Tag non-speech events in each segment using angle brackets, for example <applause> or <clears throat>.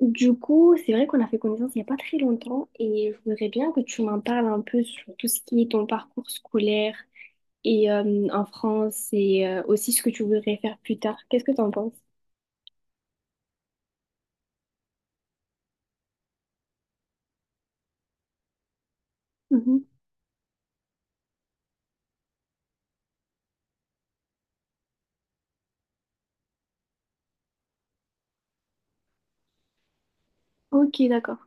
Du coup, c'est vrai qu'on a fait connaissance il n'y a pas très longtemps et je voudrais bien que tu m'en parles un peu sur tout ce qui est ton parcours scolaire et en France et aussi ce que tu voudrais faire plus tard. Qu'est-ce que tu en penses? Mhm. Ok, d'accord.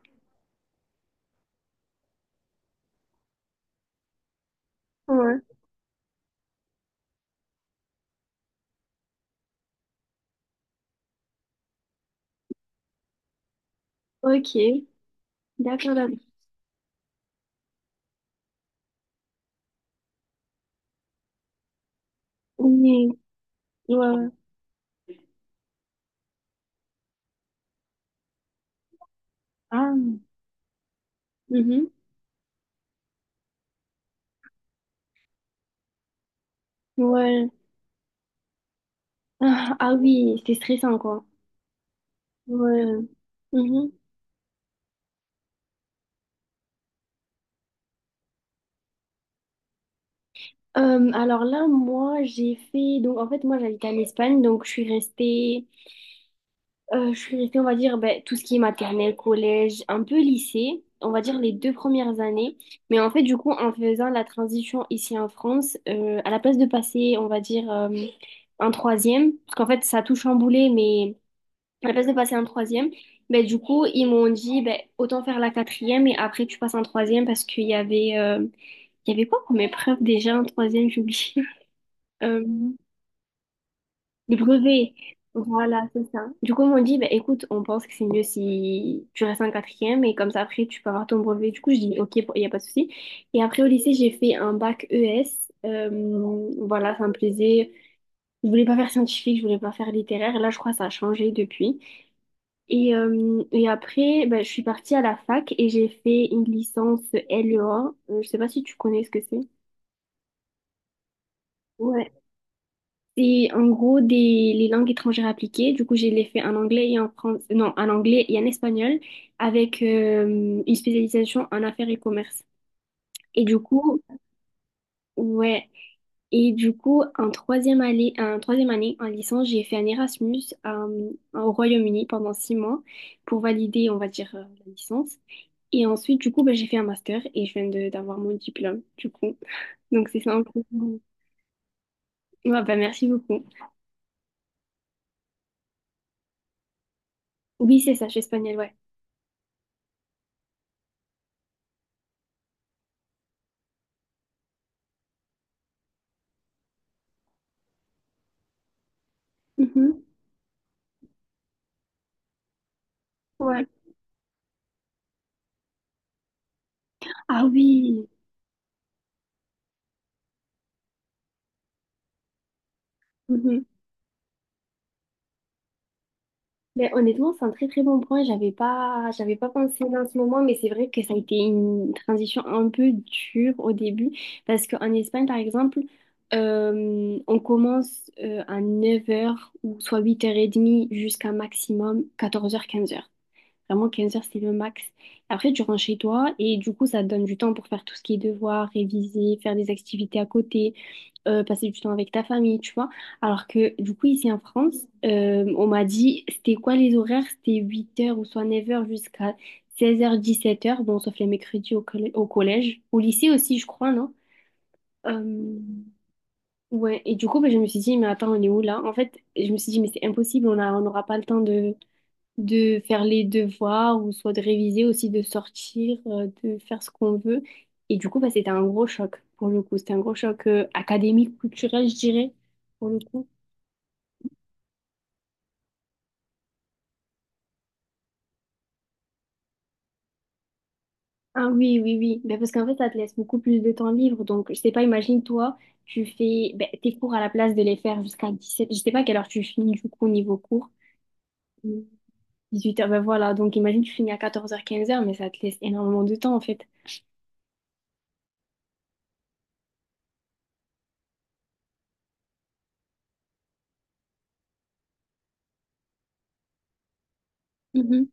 Ouais. Ok, d'accord, d'accord. Oui, ouais, ouais. Ah. Mhm. Ouais. Ah, ah oui, c'est stressant, quoi. Ouais. Mhm. Alors là, moi, j'ai fait... Donc, en fait, moi, j'habite en Espagne, donc je suis restée... Je suis restée, on va dire, ben, tout ce qui est maternelle, collège, un peu lycée, on va dire les deux premières années. Mais en fait, du coup, en faisant la transition ici en France, à la place de passer, on va dire, un troisième, parce qu'en fait, ça a tout chamboulé, mais à la place de passer un troisième, ben, du coup, ils m'ont dit, ben, autant faire la quatrième et après, tu passes en troisième parce qu'il y avait, il y avait quoi comme épreuve déjà en troisième, j'ai oublié. Euh, les brevets voilà, c'est ça. Du coup, ils m'ont dit, bah, écoute, on pense que c'est mieux si tu restes en quatrième et comme ça, après, tu peux avoir ton brevet. Du coup, je dis, ok, il n'y a pas de souci. Et après, au lycée, j'ai fait un bac ES. Voilà, ça me plaisait. Je voulais pas faire scientifique, je voulais pas faire littéraire. Là, je crois que ça a changé depuis. Et après, bah, je suis partie à la fac et j'ai fait une licence LE1. Je sais pas si tu connais ce que c'est. Ouais. C'est en gros les langues étrangères appliquées. Du coup, j'ai les fait en anglais et en français, non, en anglais et en espagnol avec une spécialisation en affaires et commerce. Et du coup, ouais. Et du coup, en troisième année, en licence, j'ai fait un Erasmus au Royaume-Uni pendant 6 mois pour valider, on va dire, la licence. Et ensuite, du coup, bah, j'ai fait un master et d'avoir mon diplôme, du coup. Donc, c'est ça en gros. Ouais, bah, merci beaucoup. Oui, c'est ça, je suis espagnole, ouais. Mhm. Ouais. Ah oui. Mhm. Mais honnêtement, c'est un très très bon point. J'avais pas pensé dans ce moment, mais c'est vrai que ça a été une transition un peu dure au début. Parce qu'en Espagne, par exemple, on commence à 9 heures ou soit 8h30 jusqu'à maximum 14 heures 15 heures. Vraiment, 15 heures, c'est le max. Après, tu rentres chez toi et du coup, ça te donne du temps pour faire tout ce qui est devoir, réviser, faire des activités à côté, passer du temps avec ta famille, tu vois. Alors que du coup, ici en France, on m'a dit, c'était quoi les horaires? C'était 8h ou soit 9h jusqu'à 16h, 17h, bon, sauf les mercredis au collège, au lycée aussi, je crois, non? Euh, ouais, et du coup, bah, je me suis dit, mais attends, on est où là? En fait, je me suis dit, mais c'est impossible, on n'aura pas le temps de faire les devoirs ou soit de réviser aussi, de sortir, de faire ce qu'on veut. Et du coup, bah, c'était un gros choc pour le coup. C'était un gros choc académique, culturel, je dirais, pour le coup. Ah oui, oui, oui. Ben, parce qu'en fait, ça te laisse beaucoup plus de temps libre. Donc, je sais pas, imagine toi, tu fais ben, tes cours à la place de les faire jusqu'à 17 Je sais pas à quelle heure tu finis du coup au niveau cours. 18 heures ben voilà. Donc, imagine tu finis à 14 heures 15 heures mais ça te laisse énormément de temps en fait. Mhm.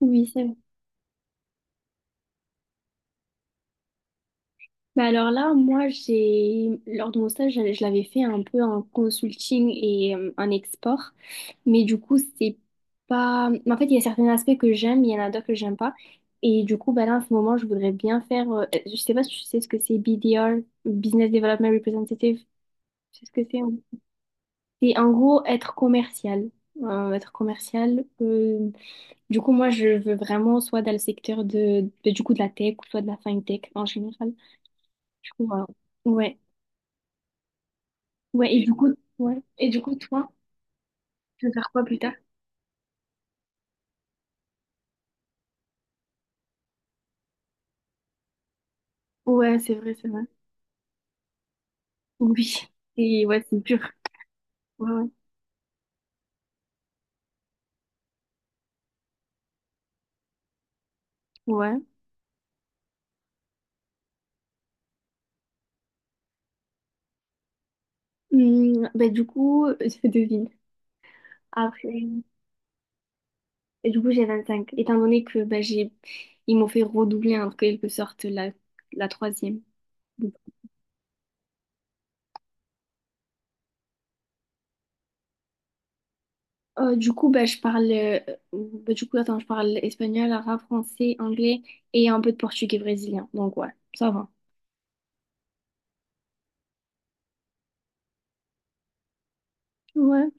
Oui, c'est vrai. Bah alors là, moi, j'ai lors de mon stage, je l'avais fait un peu en consulting et en export, mais du coup, c'est pas. En fait, il y a certains aspects que j'aime, il y en a d'autres que j'aime pas, et du coup, bah là, en ce moment, je voudrais bien faire. Je sais pas si tu sais ce que c'est BDR, Business Development Representative. Tu sais ce que c'est? Hein C'est en gros être commercial. Être commercial. Du coup, moi, je veux vraiment soit dans le secteur du coup de la tech ou soit de la fintech en général. Du coup, voilà. Ouais. Ouais, et du coup, ouais. Et du coup, toi, tu veux faire quoi plus tard? Ouais, c'est vrai, c'est vrai. Oui. Et ouais, c'est dur. Ouais, ouais. Ouais. Bah, du coup, <laughs> je devine. Après, et du coup, j'ai 25 Étant donné que bah, j'ai... ils m'ont fait redoubler en quelque sorte la, la troisième. Du coup, bah, je parle. Bah, du coup, attends, je parle espagnol, arabe, français, anglais et un peu de portugais brésilien. Donc, ouais, ça va. Ouais.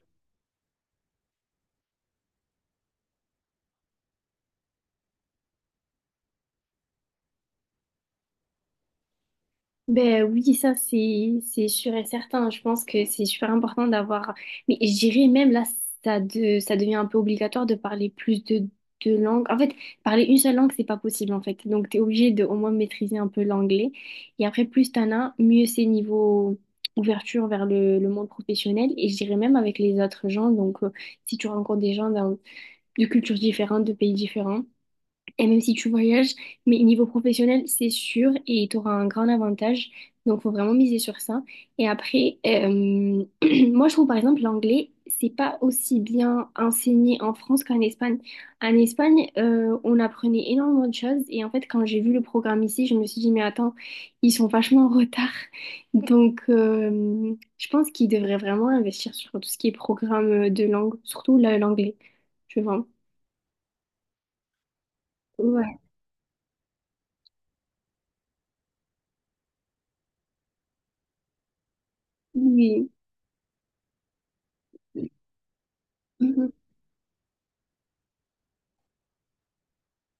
Ben oui, ça c'est sûr et certain. Je pense que c'est super important d'avoir. Mais je dirais même là, ça devient un peu obligatoire de parler plus de langues. En fait, parler une seule langue, c'est pas possible en fait. Donc t'es obligé de au moins maîtriser un peu l'anglais. Et après, plus t'en as, mieux c'est niveau ouverture vers le monde professionnel. Et je dirais même avec les autres gens. Donc si tu rencontres des gens d'un- de cultures différentes, de pays différents. Et même si tu voyages, mais niveau professionnel, c'est sûr et tu auras un grand avantage. Donc, faut vraiment miser sur ça. Et après, <clears throat> moi, je trouve par exemple l'anglais, c'est pas aussi bien enseigné en France qu'en Espagne. En Espagne, on apprenait énormément de choses. Et en fait, quand j'ai vu le programme ici, je me suis dit, mais attends, ils sont vachement en retard. Donc, je pense qu'ils devraient vraiment investir sur tout ce qui est programme de langue, l'anglais. Je vois. Ouais. Oui.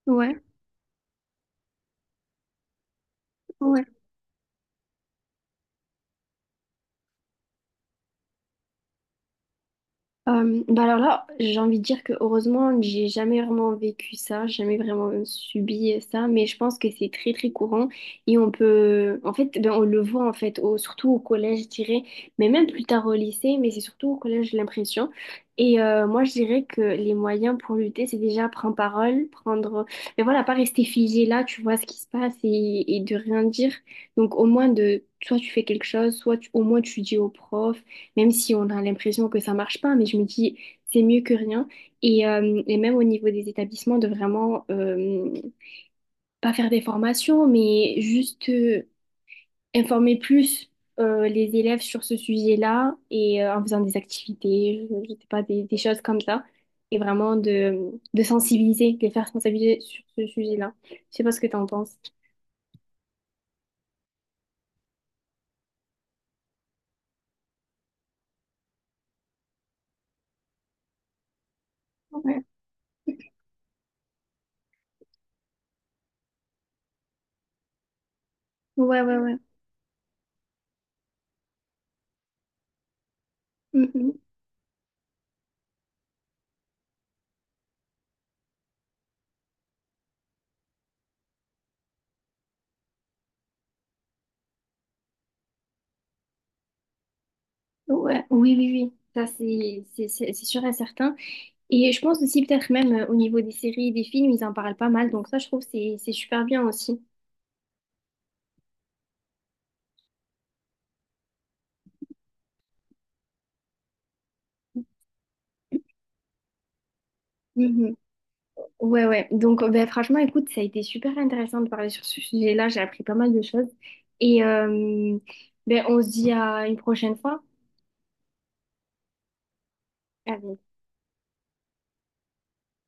Ouais, ouais. Bah alors là, j'ai envie de dire que heureusement, j'ai jamais vraiment vécu ça, j'ai jamais vraiment subi ça, mais je pense que c'est très très courant et on peut, en fait, ben, on le voit en fait, surtout au collège, je dirais, mais même plus tard au lycée, mais c'est surtout au collège, j'ai l'impression. Et moi, je dirais que les moyens pour lutter, c'est déjà prendre parole, prendre, mais voilà, pas rester figé là, tu vois ce qui se passe et de rien dire. Donc au moins soit tu fais quelque chose, au moins tu dis au prof. même si on a l'impression que ça marche pas, mais je me dis, c'est mieux que rien. Et même au niveau des établissements, de vraiment pas faire des formations, mais juste informer plus les élèves sur ce sujet-là et en faisant des activités, je sais pas, des choses comme ça. Et vraiment de sensibiliser, de les faire sensibiliser sur ce sujet-là. Je sais pas ce que tu en penses. Ouais, ouais, ouais, ouais. Mhm. Ouais, oui, oui, oui. Ça, c'est sûr et certain. Et je pense aussi peut-être même au niveau des séries et des films, ils en parlent pas mal. Donc ça, je trouve que c'est super bien aussi. Mhm. Ouais, ouais. Donc ben, franchement, écoute, ça a été super intéressant de parler sur ce sujet-là. J'ai appris pas mal de choses. Et ben, on se dit à une prochaine fois. À